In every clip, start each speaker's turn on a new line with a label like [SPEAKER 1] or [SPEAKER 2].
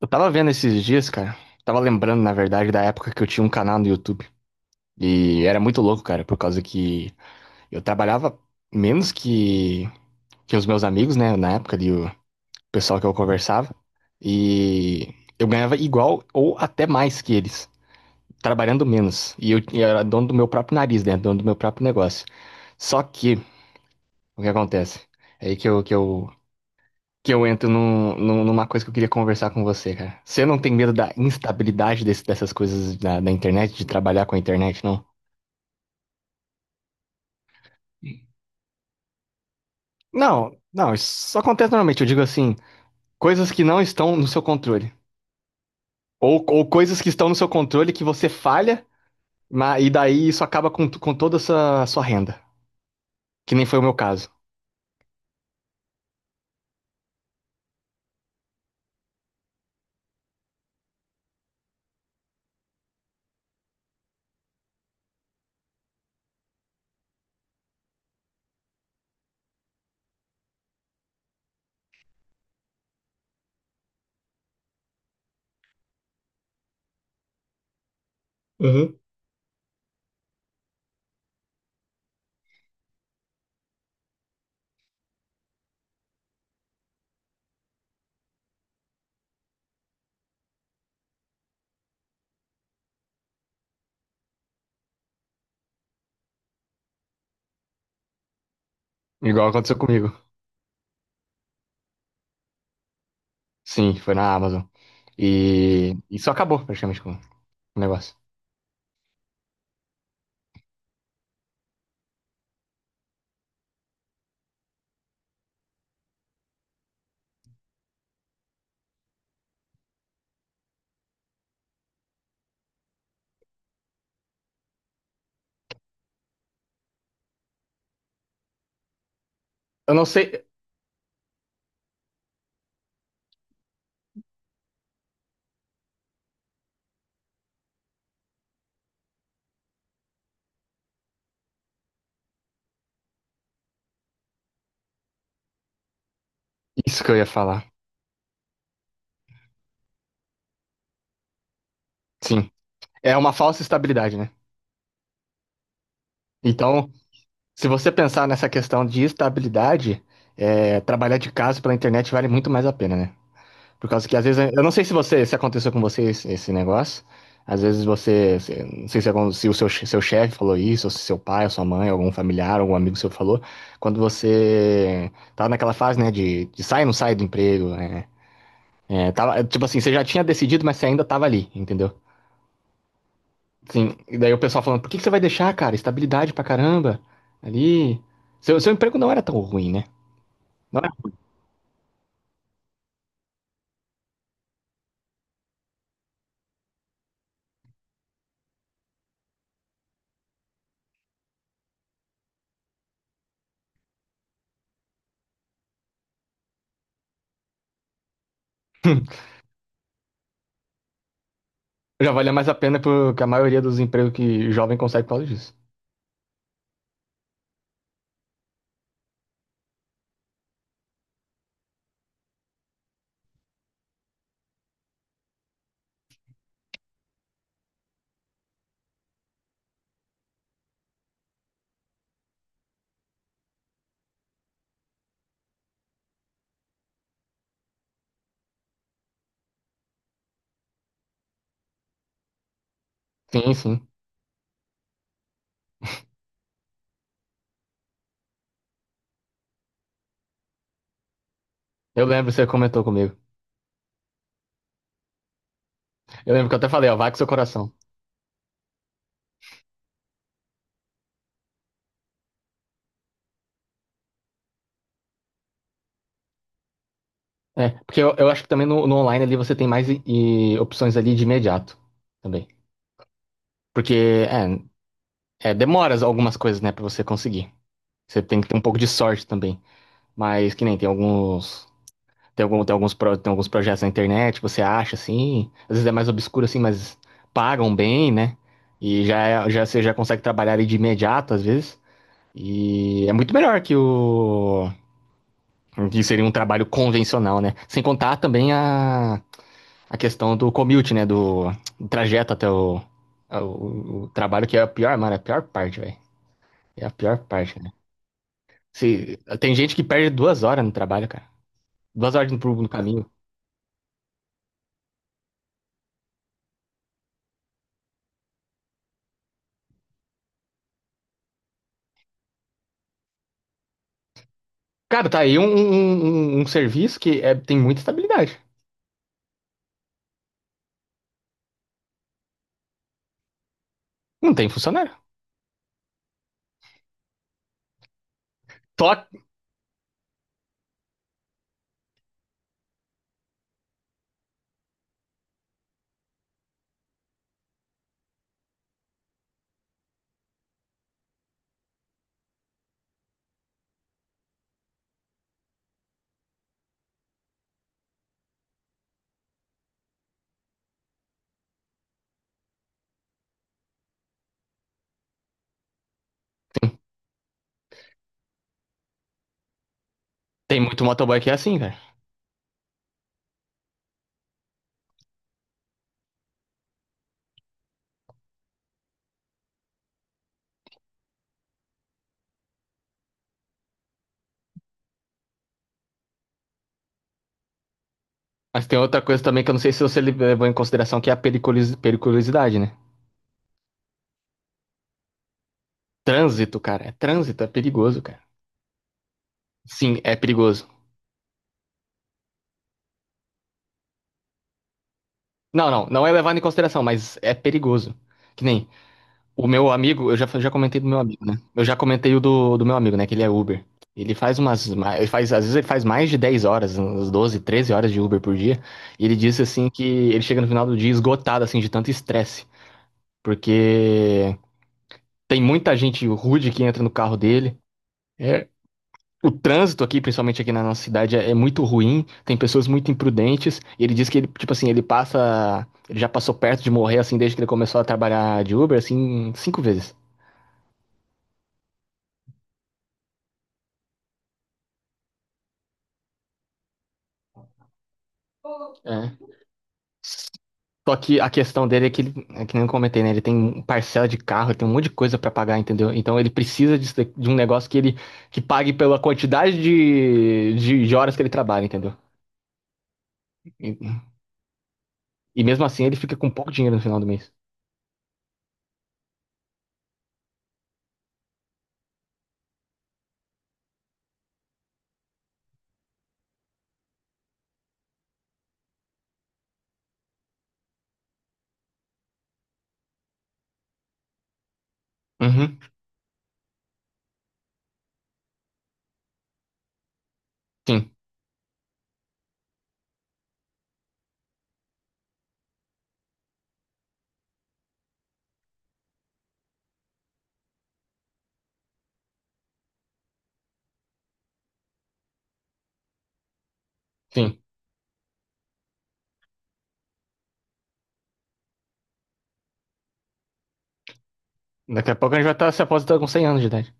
[SPEAKER 1] Eu tava vendo esses dias, cara. Tava lembrando, na verdade, da época que eu tinha um canal no YouTube. E era muito louco, cara, por causa que eu trabalhava menos que os meus amigos, né? Na época ali, o pessoal que eu conversava. E eu ganhava igual ou até mais que eles, trabalhando menos. E eu era dono do meu próprio nariz, né? Dono do meu próprio negócio. Só que, o que acontece? É aí que eu entro numa coisa que eu queria conversar com você, cara. Você não tem medo da instabilidade dessas coisas da internet, de trabalhar com a internet, não? Não, não, isso acontece normalmente. Eu digo assim, coisas que não estão no seu controle. Ou coisas que estão no seu controle que você falha, e daí isso acaba com toda a sua renda. Que nem foi o meu caso. Uhum. Igual aconteceu comigo. Sim, foi na Amazon. E isso acabou praticamente com o negócio. Eu não sei. Isso que eu ia falar. Sim. É uma falsa estabilidade, né? Então, se você pensar nessa questão de estabilidade, trabalhar de casa pela internet vale muito mais a pena, né? Por causa que às vezes, eu não sei se você, se aconteceu com você esse negócio, às vezes você, não sei se, se o seu chefe falou isso, ou se seu pai, ou sua mãe, algum familiar, algum amigo seu falou, quando você tava naquela fase, né, de sai ou não sai do emprego, né? É, tava, tipo assim, você já tinha decidido, mas você ainda tava ali, entendeu? Sim, e daí o pessoal falando, por que que você vai deixar, cara? Estabilidade pra caramba. Ali. Seu emprego não era tão ruim, né? Não era? Já valia mais a pena porque a maioria dos empregos que jovem consegue por causa disso. Sim, sim. Eu lembro, você comentou comigo. Eu lembro que eu até falei, ó, vai com seu coração. É, porque eu acho que também no online ali você tem mais e opções ali de imediato também. Porque, é, demora algumas coisas, né, pra você conseguir. Você tem que ter um pouco de sorte também. Mas que nem tem alguns Tem alguns projetos na internet que você acha assim, às vezes é mais obscuro assim, mas pagam bem, né? E já, já você já consegue trabalhar ali de imediato às vezes. E é muito melhor que o que seria um trabalho convencional, né? Sem contar também a questão do commute, né? Do trajeto até o trabalho, que é a pior, mano, é a pior parte, velho. É a pior parte, né? Se, tem gente que perde 2 horas no trabalho, cara. 2 horas no caminho. Cara, tá aí um serviço que tem muita estabilidade. Não tem funcionário. Só tem muito motoboy que é assim, velho. Mas tem outra coisa também que eu não sei se você levou em consideração, que é a periculosidade, né? Trânsito, cara. É trânsito, é perigoso, cara. Sim, é perigoso. Não, não, não é levado em consideração, mas é perigoso. Que nem O meu amigo, eu já comentei do meu amigo, né? Eu já comentei o do meu amigo, né? Que ele é Uber. Ele faz, às vezes ele faz mais de 10 horas, uns 12 13 horas de Uber por dia. E ele disse assim que ele chega no final do dia esgotado, assim, de tanto estresse. Porque tem muita gente rude que entra no carro dele. É, o trânsito aqui, principalmente aqui na nossa cidade, é muito ruim. Tem pessoas muito imprudentes. E ele disse que ele, tipo assim, ele passa. Ele já passou perto de morrer, assim, desde que ele começou a trabalhar de Uber, assim, 5 vezes. É. Só que a questão dele é que ele, é que nem eu comentei, né? Ele tem parcela de carro, ele tem um monte de coisa pra pagar, entendeu? Então ele precisa de um negócio que pague pela quantidade de horas que ele trabalha, entendeu? E, e mesmo assim ele fica com pouco dinheiro no final do mês. Uhum. Sim, sim. Daqui a pouco a gente vai estar se aposentando com 100 anos de idade.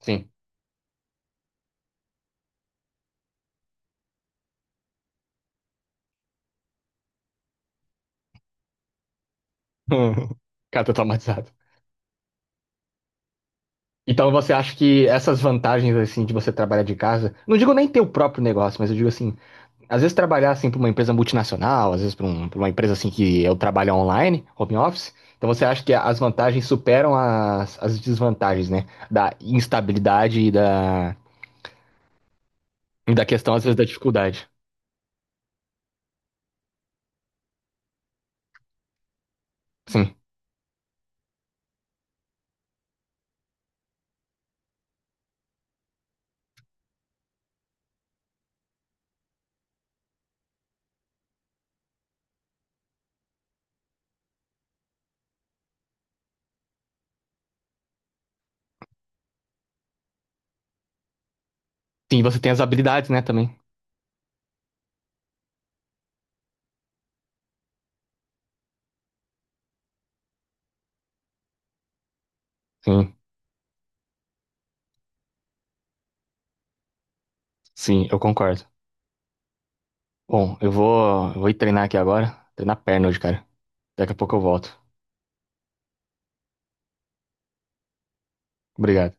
[SPEAKER 1] Sim. Cara, tô traumatizado. Então você acha que essas vantagens assim de você trabalhar de casa, não digo nem ter o próprio negócio, mas eu digo assim, às vezes trabalhar assim para uma empresa multinacional, às vezes para uma empresa assim que eu trabalho online, home office. Então você acha que as vantagens superam as desvantagens, né? Da instabilidade e e da questão, às vezes, da dificuldade. Sim. Sim, você tem as habilidades, né, também. Sim, sim, eu concordo. Bom, eu vou ir treinar aqui agora. Treinar perna hoje, cara. Daqui a pouco eu volto. Obrigado.